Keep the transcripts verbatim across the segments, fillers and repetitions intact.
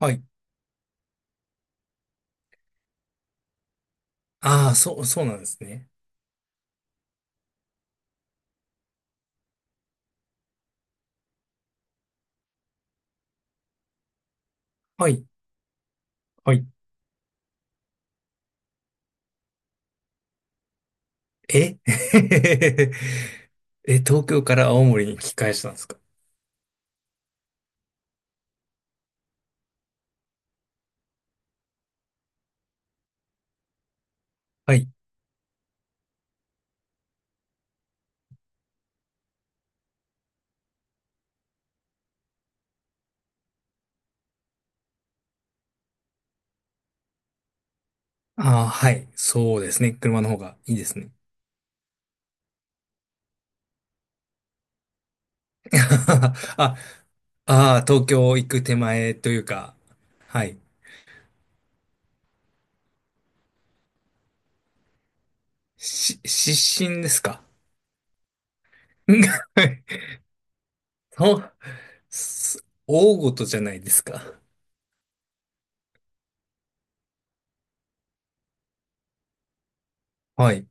はい。ああ、そう、そうなんですね。はい。はい。え え、東京から青森に引き返したんですか。はい。ああ、はい。そうですね。車の方がいいですね。あ、ああ、東京行く手前というか、はい。し、失神ですか。 そう、す、大事じゃないですか。はい。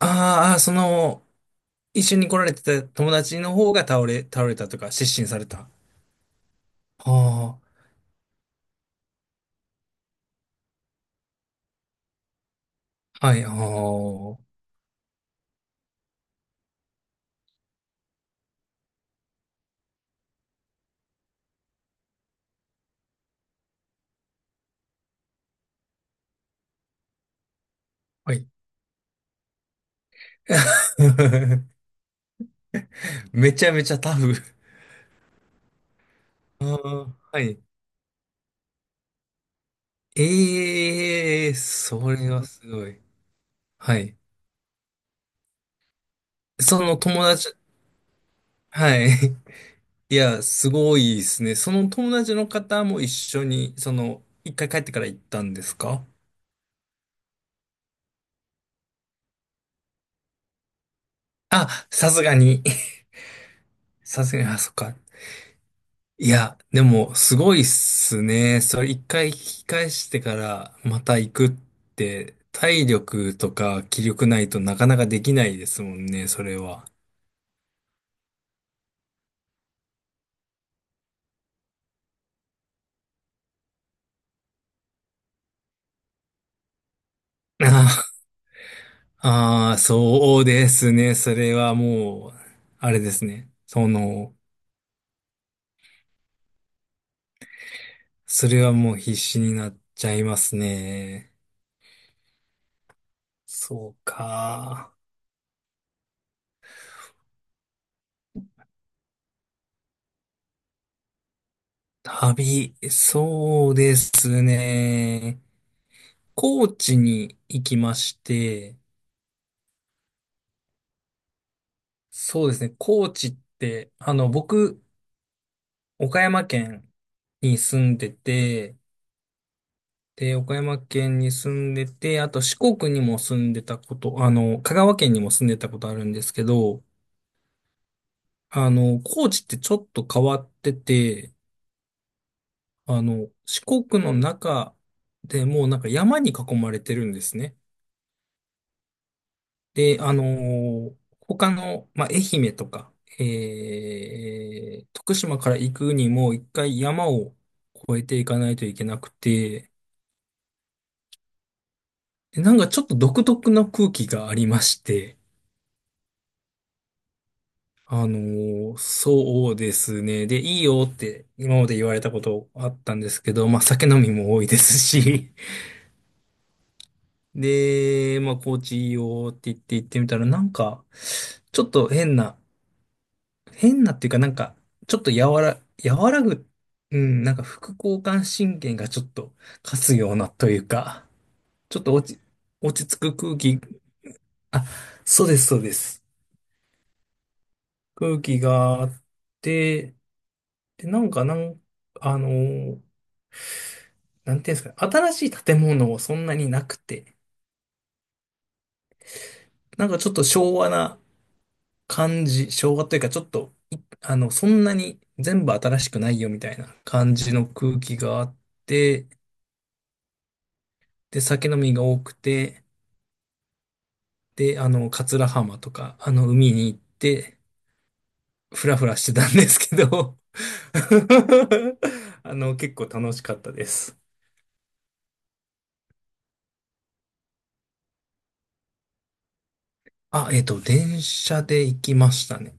あーあー、その、一緒に来られてた友達の方が倒れ、倒れたとか、失神された。ああ。はい、ああ、はい。めちゃめちゃタフ。あーはい。ええ、それはすごい。はい。その友達、はい。いや、すごいですね。その友達の方も一緒に、その、一回帰ってから行ったんですか。あ、さすがに。さすがに、あ、そっか。いや、でも、すごいっすね。それ一回引き返してから、また行くって、体力とか気力ないとなかなかできないですもんね、それは。ああ、あーそうですね。それはもう、あれですね。その、それはもう必死になっちゃいますね。そうか。旅、そうですね。高知に行きまして、そうですね。高知って、あの、僕、岡山県に住んでて、で、岡山県に住んでて、あと四国にも住んでたこと、あの、香川県にも住んでたことあるんですけど、あの、高知ってちょっと変わってて、あの、四国の中でもうなんか山に囲まれてるんですね。で、あのー他の、まあ、愛媛とか、えー、徳島から行くにも一回山を越えていかないといけなくて、でなんかちょっと独特な空気がありまして、あのーそうですね。で、いいよって今まで言われたことあったんですけど、まあ、酒飲みも多いですし、で、まあ、高知いいよって言って行ってみたら、なんか、ちょっと変な、変なっていうか、なんか、ちょっと和ら、和らぐ、うん、なんか副交感神経がちょっと勝つようなというか、ちょっと落ち、落ち着く空気、あ、そうです、そうです。空気があって、で、なんか、なん、あのーなんていうんですかね、新しい建物もそんなになくて、なんかちょっと昭和な感じ、昭和というか、ちょっと、い、あの、そんなに全部新しくないよみたいな感じの空気があって、で、酒飲みが多くて、で、あの、桂浜とか、あの、海に行って、ふらふらしてたんですけど あの、結構楽しかったです。あ、えっと、電車で行きましたね。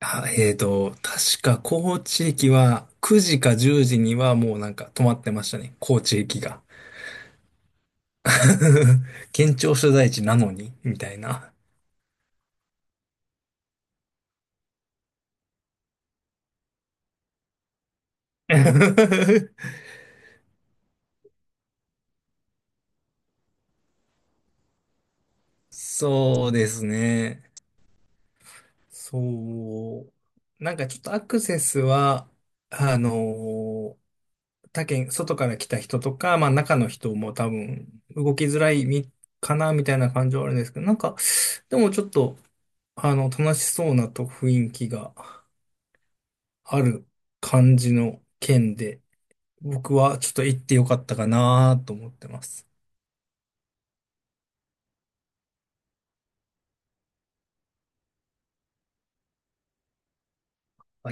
あ、えっと、確か高知駅はくじかじゅうじにはもうなんか止まってましたね。高知駅が。県庁所在地なのに、みたいな。そうですね。そう。なんかちょっとアクセスは、あのー他県、外から来た人とか、まあ中の人も多分動きづらい、み、かな、みたいな感じはあるんですけど、なんか、でもちょっと、あの、楽しそうなと雰囲気がある感じの県で、僕はちょっと行ってよかったかなと思ってます。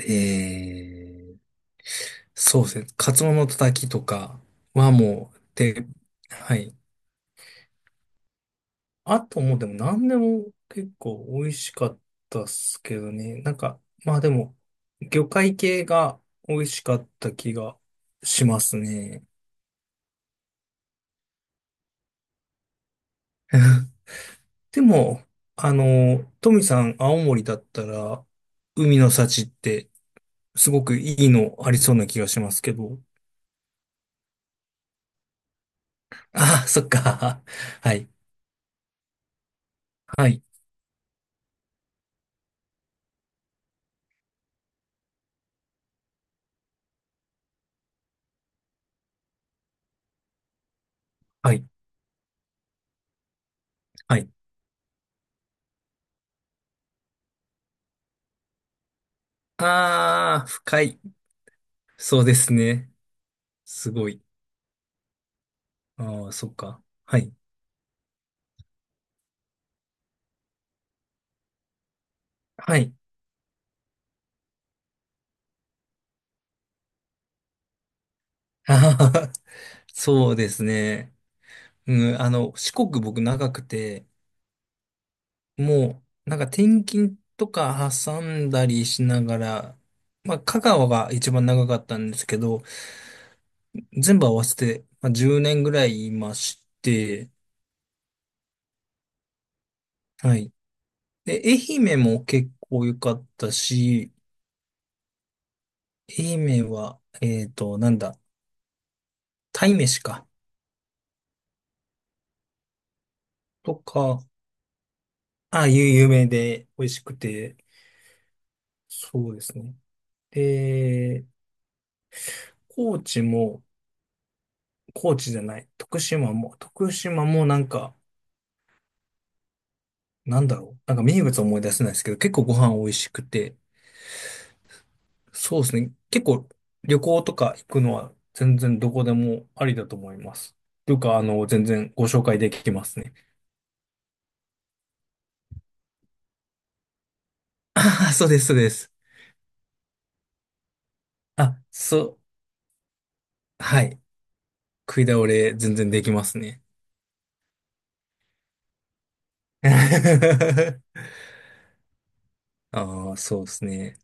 えー、そうですね。カツオのたたきとかはもう、で、はい。あともうでも何でも結構美味しかったっすけどね。なんか、まあでも、魚介系が美味しかった気がしますね。でも、あの、トミさん、青森だったら、海の幸ってすごくいいのありそうな気がしますけど。ああ、そっか。はい。はい。はい。はい。ああ、深い。そうですね。すごい。ああ、そっか。はい。はい。あはは、そうですね。うん、あの、四国僕長くて、もう、なんか転勤とか挟んだりしながら、まあ、香川が一番長かったんですけど、全部合わせて、まあ、じゅうねんぐらいいまして、はい。で、愛媛も結構良かったし、愛媛は、えっと、なんだ、鯛めしか、とか、あ、有有名で美味しくて、そうですね。で、高知も、高知じゃない。徳島も、徳島もなんか、なんだろう。なんか名物思い出せないですけど、結構ご飯美味しくて、そうですね。結構旅行とか行くのは全然どこでもありだと思います。というか、あの、全然ご紹介できますね。ああ、そうです、そうです。あ、そう。はい。食い倒れ全然できますね。ああ、そうですね。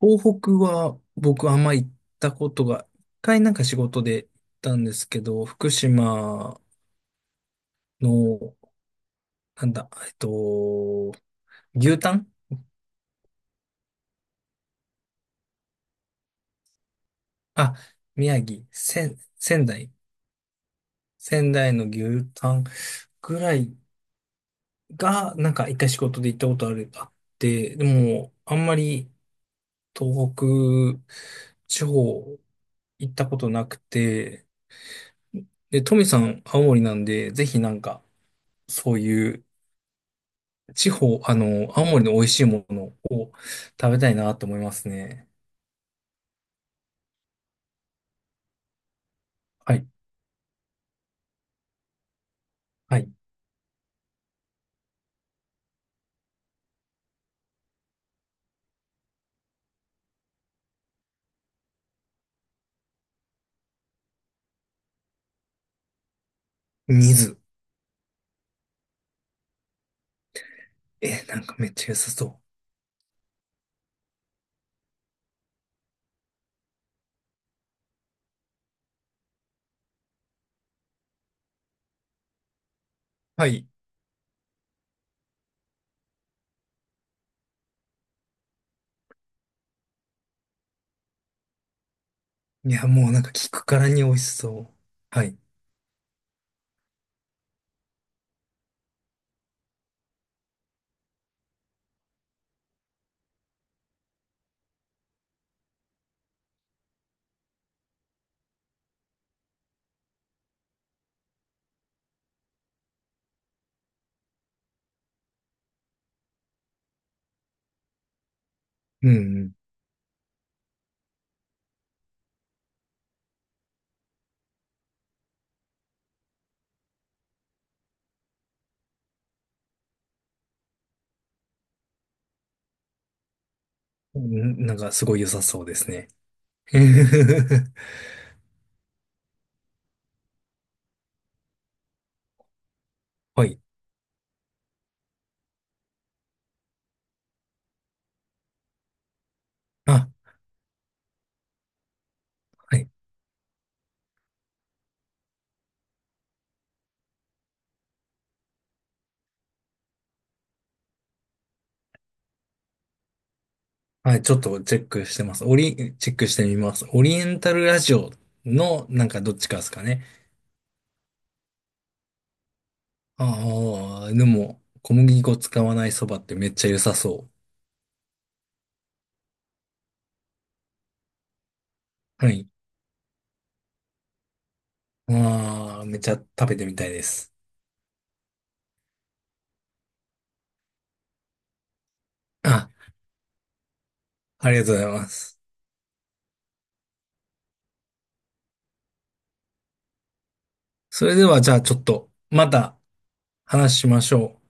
東北は僕あんま行ったことが、一回なんか仕事で行ったんですけど、福島の、なんだ、えっと、牛タン、あ、宮城、仙、仙台。仙台の牛タンぐらいが、なんか一回仕事で行ったことある、あって、でも、あんまり東北地方行ったことなくて、で、トミさん、青森なんで、ぜひなんか、そういう地方、あの、青森の美味しいものを食べたいなと思いますね。はい。はい。水。え、なんかめっちゃ良さそう。はい。いや、もうなんか聞くからに美味しそう。はい。うんうん。ん、なんかすごい良さそうですね。はい。あ、はい。はい、ちょっとチェックしてます。オリ、チェックしてみます。オリエンタルラジオのなんかどっちかですかね。ああ、でも小麦粉使わないそばってめっちゃ良さそう。はい。ああ、めっちゃ食べてみたいです。あ、ありがとうございます。それではじゃあちょっとまた話しましょう。